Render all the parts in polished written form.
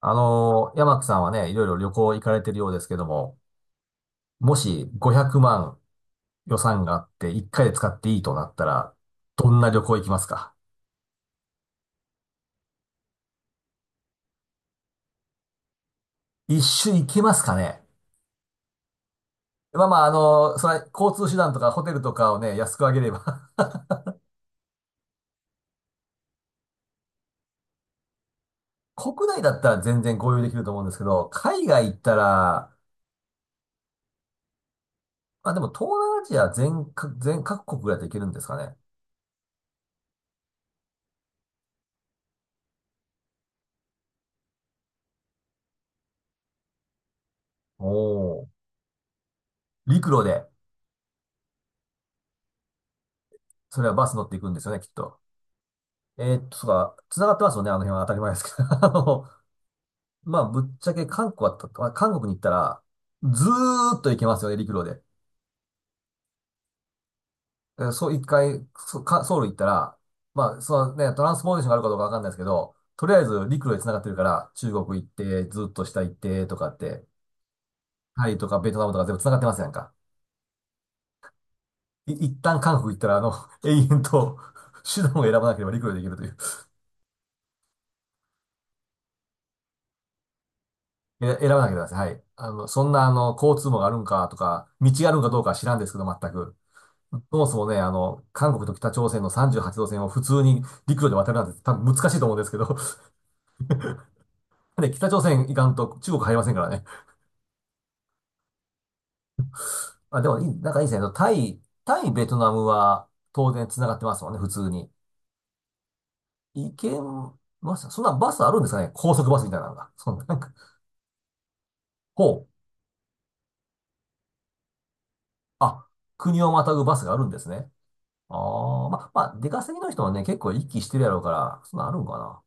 山木さんはね、いろいろ旅行行かれてるようですけども、もし500万予算があって1回で使っていいとなったら、どんな旅行行きますか？一周行けますかね？まあまあ、それは交通手段とかホテルとかをね、安くあげれば、 国内だったら全然合流できると思うんですけど、海外行ったら、まあでも東南アジア全各国ぐらいで行けるんですかね？おー。陸路で、それはバス乗っていくんですよね、きっと。そうか、繋がってますよね、あの辺は当たり前ですけど。まあ、ぶっちゃけ韓国まあ韓国に行ったら、ずーっと行けますよね、陸路で。えそう、一回、ソウル行ったら、まあ、そのね、トランスポーテーションがあるかどうかわかんないですけど、とりあえず陸路で繋がってるから、中国行って、ずっと下行って、とかって、タイとかベトナムとか全部繋がってますやんか。一旦韓国行ったら、永遠と手段を選ばなければ陸路で行けるという。選ばなければですね、はい。そんな、交通網があるんかとか、道があるんかどうかは知らんですけど、全く。そもそもね、韓国と北朝鮮の38度線を普通に陸路で渡るなんて多分難しいと思うんですけど、で、北朝鮮行かんと中国入りませんからね。まあ、でもいい、なんかいいですね。タイ、ベトナムは当然繋がってますもんね、普通に。行けました。そんなバスあるんですかね、高速バスみたいなのが。そんな、なんか、ほう。あ、国をまたぐバスがあるんですね。ああ、まあ、出稼ぎの人はね、結構行きしてるやろうから、そんなんあるんかな。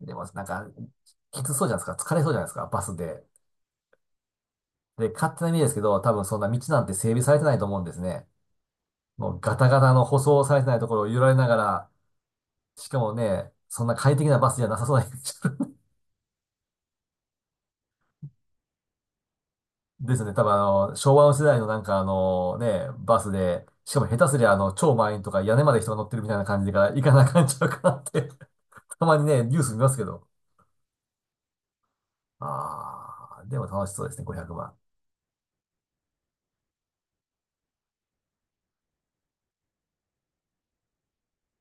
でも、なんか、きつそうじゃないですか。疲れそうじゃないですか、バスで。で、勝手な意味ですけど、多分そんな道なんて整備されてないと思うんですね。もうガタガタの舗装されてないところを揺られながら、しかもね、そんな快適なバスじゃなさそうな、 ですね。多分昭和の世代のなんかね、バスで、しかも下手すりゃ超満員とか屋根まで人が乗ってるみたいな感じから行かなあかんちゃうかなって、 たまにね、ニュース見ますけど。でも楽しそうですね、500万。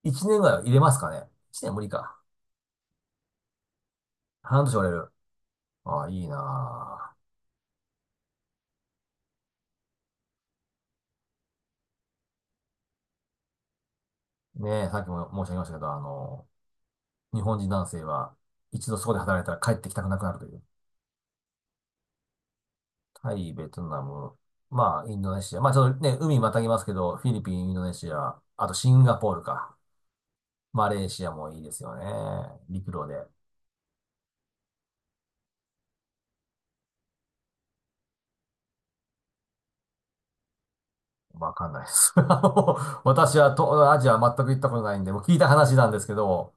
1年ぐらいは入れますかね。1年無理か。半年折れる。いいな。さっきも申し上げましたけど、日本人男性は一度そこで働いたら帰ってきたくなくなるという。タイ、ベトナム、まあ、インドネシア。まあ、ちょっとね、海またぎますけど、フィリピン、インドネシア、あとシンガポールか。マレーシアもいいですよね。陸路で。わかんないです。私は東アジアは全く行ったことないんで、もう聞いた話なんですけど、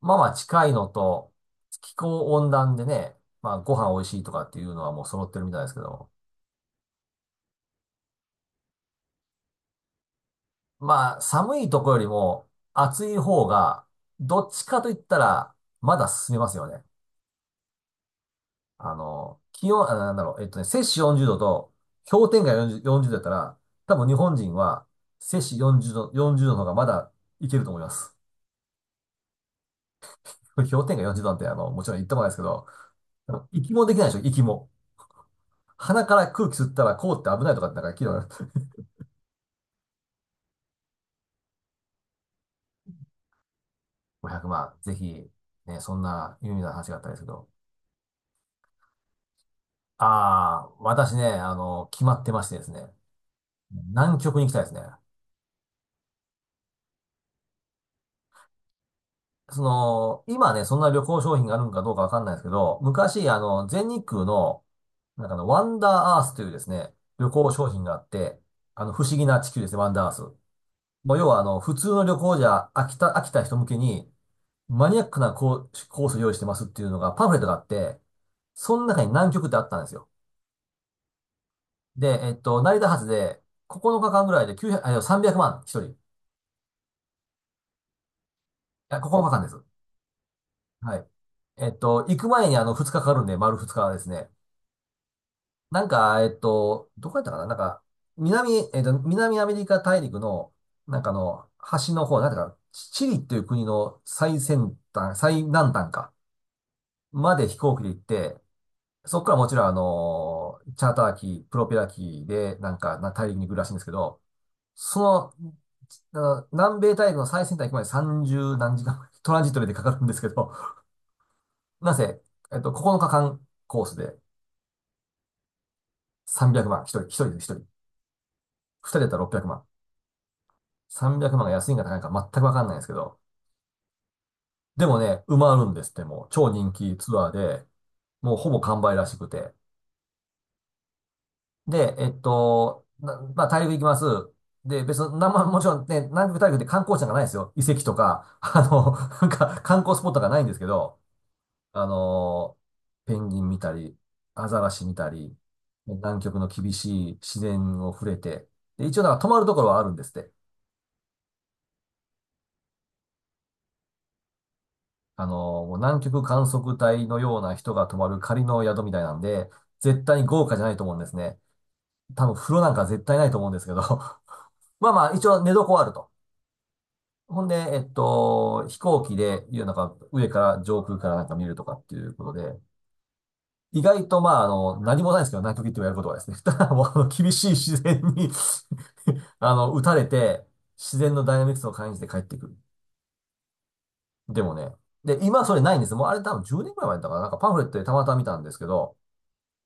まあまあ近いのと、気候温暖でね、まあご飯美味しいとかっていうのはもう揃ってるみたいですけど、まあ、寒いとこよりも暑い方が、どっちかと言ったら、まだ進めますよね。気温、摂氏40度と氷点下40度だったら、多分日本人は摂氏40度の方がまだいけると思います。氷点下40度なんて、もちろん言ってもないですけど、息もできないでしょ、息も。鼻から空気吸ったら凍って危ないとかってなんか聞いたことある。500万、ぜひ、ね、そんな有名な話があったんですけど。ああ、私ね、決まってましてですね。南極に行きたいですね。その、今ね、そんな旅行商品があるのかどうかわかんないですけど、昔、全日空の、なんかワンダーアースというですね、旅行商品があって、不思議な地球ですね、ワンダーアース。もう要は、普通の旅行じゃ飽きた人向けに、マニアックなコースを用意してますっていうのが、パンフレットがあって、その中に南極ってあったんですよ。で、成田発で、9日間ぐらいで900、あ、いや、300万、一人。いや、9日間です。はい。行く前に2日かかるんで、丸2日ですね。なんか、どこやったかな、なんか、南、えっと、南アメリカ大陸の、なんか端の方、なんていうか、チチリっていう国の最先端、最南端か、まで飛行機で行って、そこからもちろんチャーター機、プロペラ機で、なんか、大陸に行くらしいんですけど、その、南米大陸の最先端行くまで30何時間、トランジットでかかるんですけど、なぜ、9日間コースで、300万。一人、一人で一人。二人だったら600万。300万が安いんか高いんか全くわかんないんですけど。でもね、埋まるんですって、もう。超人気ツアーで、もうほぼ完売らしくて。で、まあ、大陸行きます。で、別に、なんも、もちろんね、南極大陸って観光地なんかないですよ。遺跡とか、なんか観光スポットがないんですけど、あの、ペンギン見たり、アザラシ見たり、南極の厳しい自然を触れて、で、一応なんか泊まるところはあるんですって。もう南極観測隊のような人が泊まる仮の宿みたいなんで、絶対に豪華じゃないと思うんですね。多分風呂なんか絶対ないと思うんですけど。まあまあ、一応寝床はあると。ほんで、飛行機で、いうなんか上から上空からなんか見るとかっていうことで、意外とまあ、何もないですけど、南極行ってもやることはですね。ただもう、あの厳しい自然に、 打たれて、自然のダイナミクスを感じて帰ってくる。でもね、で、今それないんです。もうあれ多分10年くらい前だったから、なんかパンフレットでたまたま見たんですけど、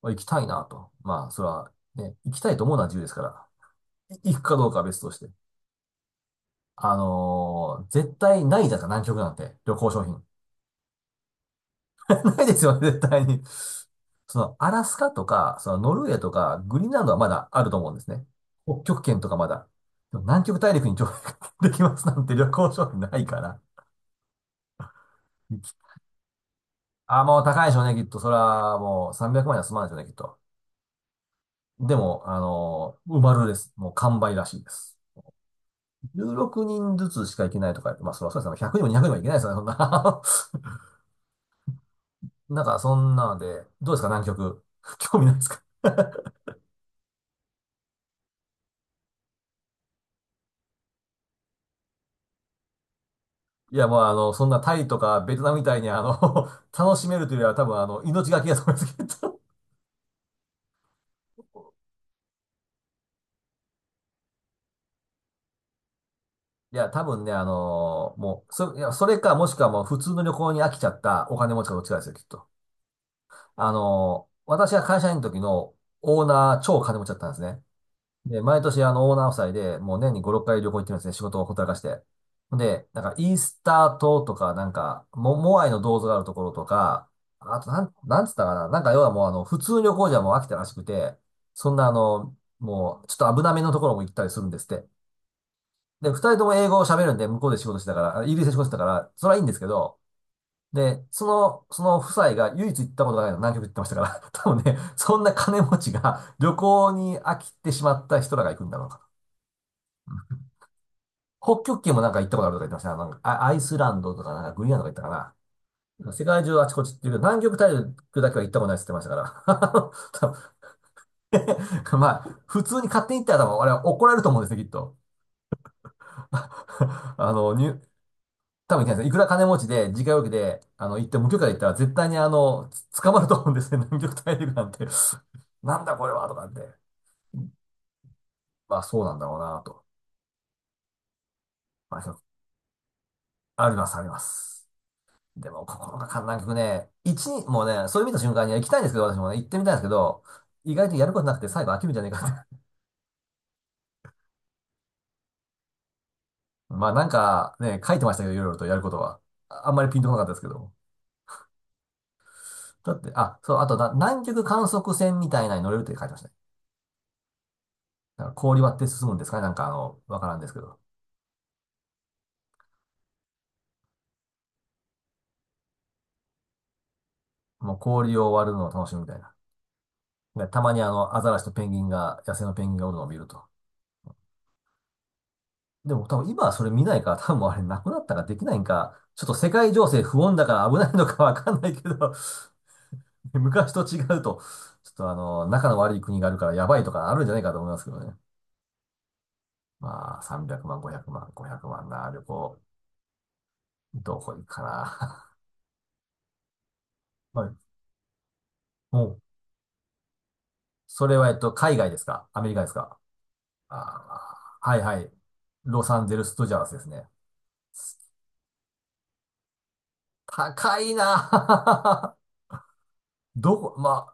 行きたいなと。まあ、それはね、行きたいと思うのは自由ですから、行くかどうかは別として。絶対ないじゃないですか、南極なんて、旅行商品。ないですよね、絶対に。その、アラスカとか、その、ノルウェーとか、グリーンランドはまだあると思うんですね。北極圏とかまだ。でも南極大陸に上陸 できますなんて 旅行商品ないから。あ、もう高いでしょうね、きっと。それはもう300万円は済まないでしょうね、きっと。でも、埋まるです。もう完売らしいです。16人ずつしか行けないとか言って、まあ、それはそうですね。100人も200人も行けないですよね、そんな。なんか、そんなので、どうですか、南極。興味ないですか？いや、もう、そんなタイとかベトナムみたいに、楽しめるというよりは、多分、命がけやと思いますけど。いや、多分ね、あの、もう、そ、いや、それか、もしくはもう、普通の旅行に飽きちゃったお金持ちかどっちかですよ、きっと。私が会社員の時のオーナー、超金持ちだったんですね。で、毎年あのオーナー夫妻で、もう年に5、6回旅行行ってるんですね。仕事をほったらかして。で、なんかイースター島とか、モアイの銅像があるところとか、あとなん、なんつったかな。なんか要はもうあの、普通旅行じゃもう飽きたらしくて、そんなあの、もうちょっと危なめのところも行ったりするんですって。で、二人とも英語を喋るんで、向こうで仕事してたから、あイギリスで仕事してたから、それはいいんですけど、で、その夫妻が唯一行ったことがないの、南極行ってましたから、多分ね、そんな金持ちが旅行に飽きてしまった人らが行くんだろうかと。北極圏もなんか行ったことあるとか言ってましたね。なんかあアイスランドとか、なんかグリーンランドとか言ったかな。世界中あちこちっていうけど、南極大陸だけは行ったことないって言ってましたから。多分 まあ、普通に勝手に行ったら多分、あれは怒られると思うんですね、きっと。あの、に、多分行けないですね、いくら金持ちで、自家用機で、行って、無許可で行ったら絶対にあの、つ捕まると思うんですね、南極大陸なんて。なんだこれは、とかって。まあ、そうなんだろうな、と。まあ、あります、あります。でも、心がか、なんかね、一日、もうね、それ見た瞬間に行きたいんですけど、私もね、行ってみたいんですけど、意外とやることなくて最後飽きるんじゃねえかって。まあなんかね、書いてましたけど、いろいろとやることは。ああんまりピンとこなかったですけど。だって、あ、そう、あとな、南極観測船みたいなのに乗れるって書いてましたね。だから氷割って進むんですかね、なんかあの、わからんですけど。もう氷を割るのを楽しむみたいな。でたまにあの、アザラシとペンギンが、野生のペンギンがおるのを見ると。でも多分今はそれ見ないから、多分あれなくなったかできないんか。ちょっと世界情勢不穏だから危ないのかわかんないけど、昔と違うと、ちょっとあの、仲の悪い国があるからやばいとかあるんじゃないかと思いますけどね。まあ、300万、500万、500万な旅行、どこ行くかな。はい。もう、それはえっと、海外ですか、アメリカですか？あー、はいはい。ロサンゼルス・ドジャースですね。高いな。 どこ、ま